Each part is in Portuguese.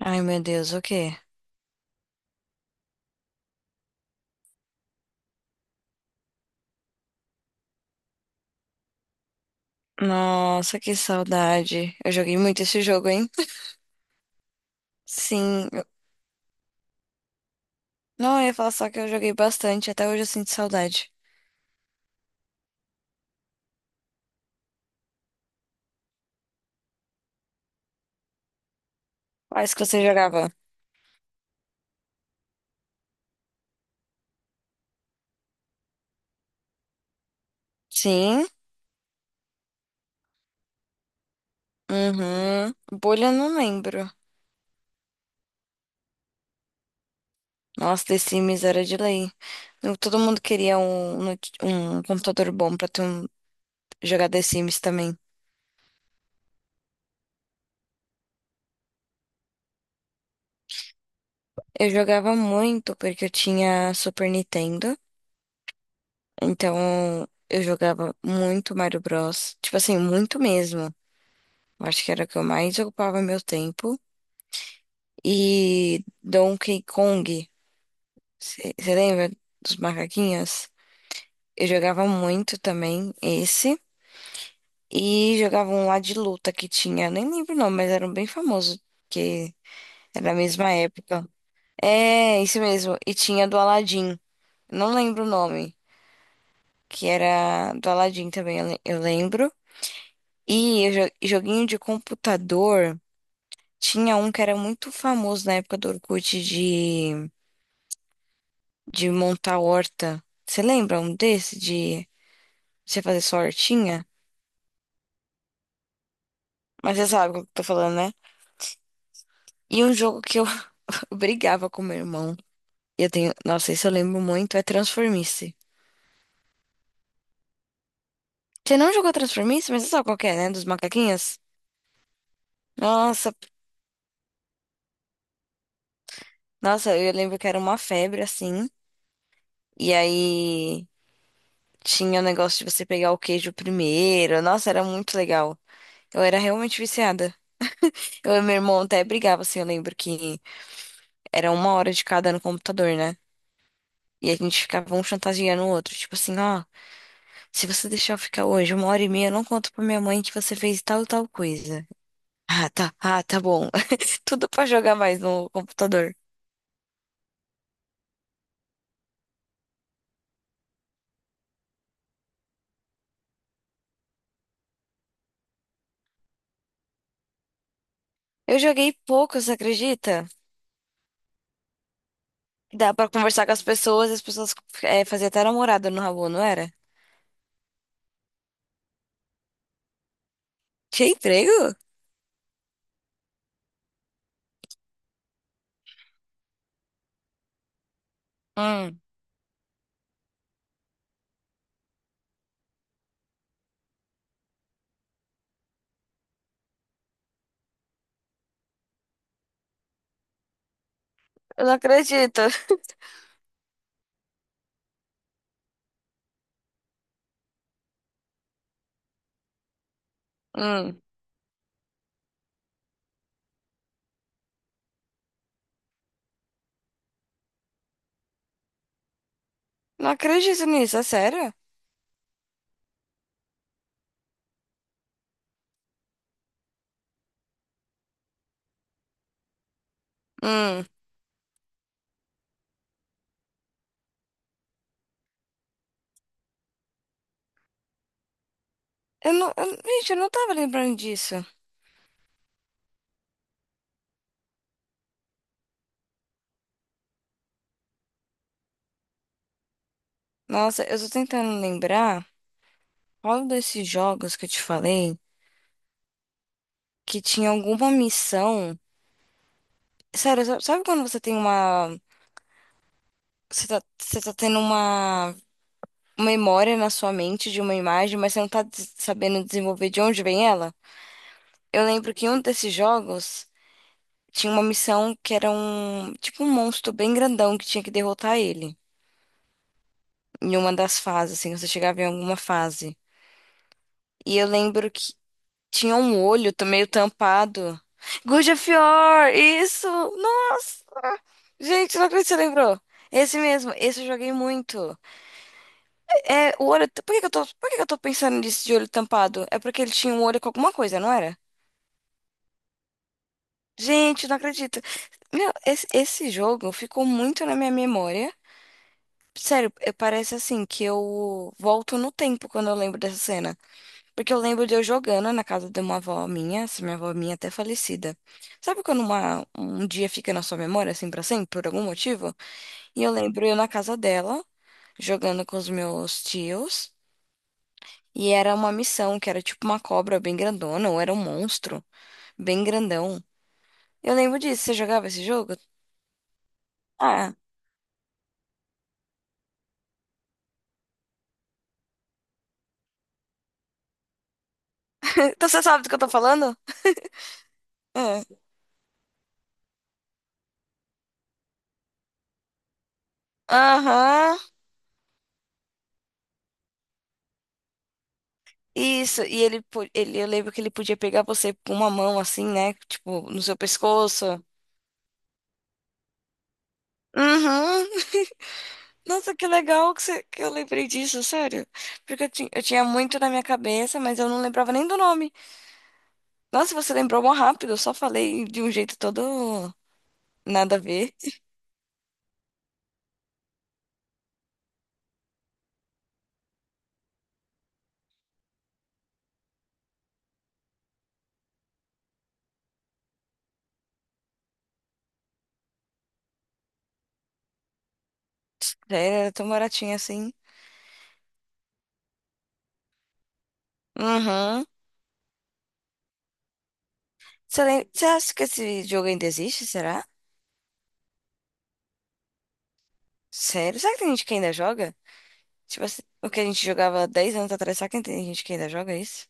Ai, meu Deus, o quê? Nossa, que saudade. Eu joguei muito esse jogo, hein? Sim. Não, eu ia falar só que eu joguei bastante. Até hoje eu sinto saudade. Quais que você jogava? Sim. Uhum. Bolha eu não lembro. Nossa, The Sims era de lei. Todo mundo queria um, um computador bom pra ter um, jogar The Sims também. Eu jogava muito porque eu tinha Super Nintendo. Então eu jogava muito Mario Bros. Tipo assim, muito mesmo. Eu acho que era o que eu mais ocupava meu tempo. E Donkey Kong. Você lembra dos macaquinhos? Eu jogava muito também esse. E jogava um lá de luta que tinha. Nem lembro o nome, mas era um bem famoso. Que era a mesma época. É, isso mesmo. E tinha do Aladdin. Não lembro o nome. Que era do Aladdin também, eu lembro. E eu joguinho de computador. Tinha um que era muito famoso na época do Orkut de. De montar horta. Você lembra um desse de você fazer sua hortinha? Mas você sabe o que eu tô falando, né? E um jogo que eu brigava com meu irmão. E eu tenho, nossa, isso eu lembro muito, é Transformice. Você não jogou Transformice, mas você sabe qual que é, né? Dos macaquinhos? Nossa, eu lembro que era uma febre assim. E aí tinha o negócio de você pegar o queijo primeiro. Nossa, era muito legal. Eu era realmente viciada. Eu e meu irmão até brigava, assim, eu lembro que era uma hora de cada no computador, né? E a gente ficava um chantageando o outro. Tipo assim, ó, se você deixar eu ficar hoje uma hora e meia, eu não conto pra minha mãe que você fez tal e tal coisa. Ah, tá. Ah, tá bom. Tudo pra jogar mais no computador. Eu joguei pouco, você acredita? Dá pra conversar com as pessoas e as pessoas faziam até namorada no Rabu, não era? Tinha emprego? Hum. Eu não acredito. Hum. Não acredito nisso, é sério? Hum. Eu não, eu, gente, eu não tava lembrando disso. Nossa, eu tô tentando lembrar. Qual desses jogos que eu te falei que tinha alguma missão? Sério, sabe quando você tem uma. Você tá tendo uma memória na sua mente de uma imagem, mas você não tá sabendo desenvolver de onde vem ela? Eu lembro que em um desses jogos tinha uma missão que era um. Tipo um monstro bem grandão que tinha que derrotar ele. Em uma das fases, assim, você chegava em alguma fase. E eu lembro que tinha um olho meio tampado. Good of War! Isso! Nossa! Gente, não acredito que você lembrou. Esse mesmo, esse eu joguei muito. É, o olho. Por que que eu tô pensando nisso de olho tampado? É porque ele tinha um olho com alguma coisa, não era? Gente, não acredito. Meu, esse jogo ficou muito na minha memória. Sério, parece assim que eu volto no tempo quando eu lembro dessa cena. Porque eu lembro de eu jogando na casa de uma avó minha, essa minha avó minha até falecida. Sabe quando um dia fica na sua memória, assim, pra sempre, por algum motivo? E eu lembro eu na casa dela. Jogando com os meus tios. E era uma missão, que era tipo uma cobra bem grandona, ou era um monstro bem grandão. Eu lembro disso. Você jogava esse jogo? Ah, então você sabe do que eu tô falando? É. Aham. Isso, e ele, eu lembro que ele podia pegar você com uma mão assim, né? Tipo, no seu pescoço. Uhum. Nossa, que legal que eu lembrei disso, sério. Porque eu, eu tinha muito na minha cabeça, mas eu não lembrava nem do nome. Nossa, você lembrou mó rápido, eu só falei de um jeito todo. Nada a ver. Já era tão baratinho assim. Uhum. Você acha que esse jogo ainda existe, será? Sério? Será que tem gente que ainda joga? Tipo assim, o que a gente jogava 10 anos atrás, será que tem gente que ainda joga isso?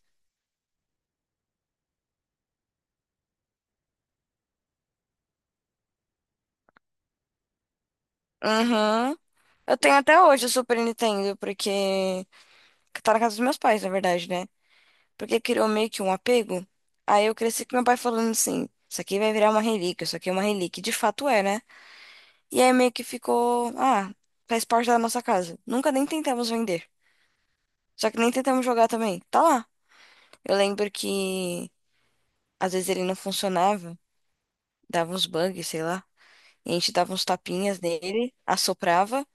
Uhum. Eu tenho até hoje o Super Nintendo, porque que tá na casa dos meus pais, na verdade, né? Porque criou meio que um apego. Aí eu cresci com meu pai falando assim: isso aqui vai virar uma relíquia, isso aqui é uma relíquia. E de fato é, né? E aí meio que ficou: ah, faz parte da nossa casa. Nunca nem tentamos vender. Só que nem tentamos jogar também. Tá lá. Eu lembro que às vezes ele não funcionava, dava uns bugs, sei lá. E a gente dava uns tapinhas nele, assoprava,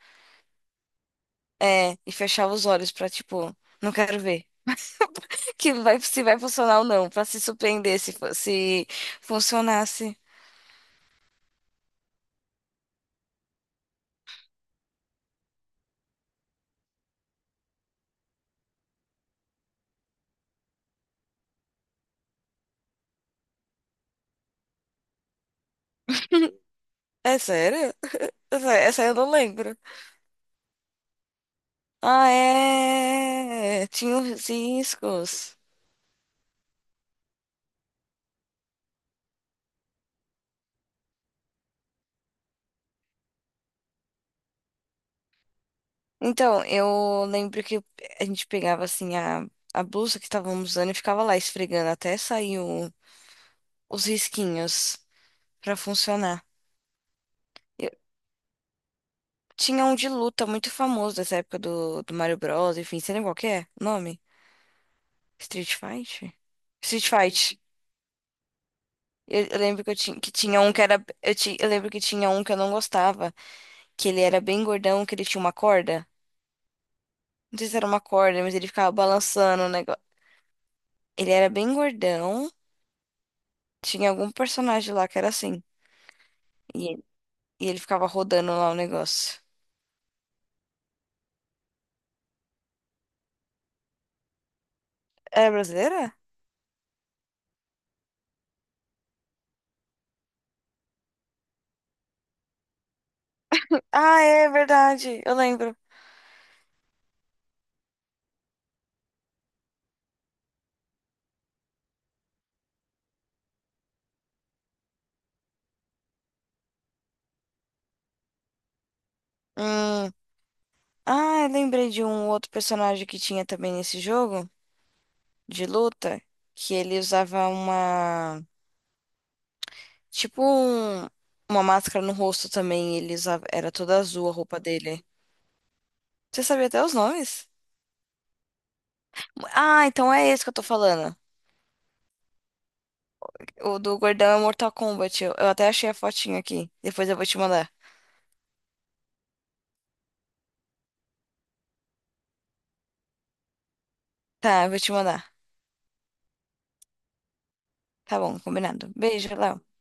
é, e fechava os olhos pra, tipo, não quero ver. Que vai, se vai funcionar ou não, pra se surpreender se funcionasse. É sério? Essa eu não lembro. Ah, é. Tinha os riscos. Então, eu lembro que a gente pegava assim a blusa que estávamos usando e ficava lá esfregando até sair os risquinhos pra funcionar. Eu- tinha um de luta muito famoso dessa época do, do Mario Bros, enfim, você lembra qual que é o nome? Street Fight? Street Fight. Eu lembro que tinha um que era. Eu lembro que tinha um que eu não gostava, que ele era bem gordão, que ele tinha uma corda. Não sei se era uma corda, mas ele ficava balançando o negócio. Ele era bem gordão. Tinha algum personagem lá que era assim. E, e ele ficava rodando lá o negócio. É brasileira? Ah, é verdade. Eu lembro. Hum. Ah, eu lembrei de um outro personagem que tinha também nesse jogo de luta, que ele usava uma, tipo um- uma máscara no rosto também, ele usava, era toda azul a roupa dele. Você sabia até os nomes? Ah, então é esse que eu tô falando. O do gordão é Mortal Kombat. Eu até achei a fotinha aqui. Depois eu vou te mandar. Tá, eu vou te mandar. Tá bom, combinado. Beijo, Léo.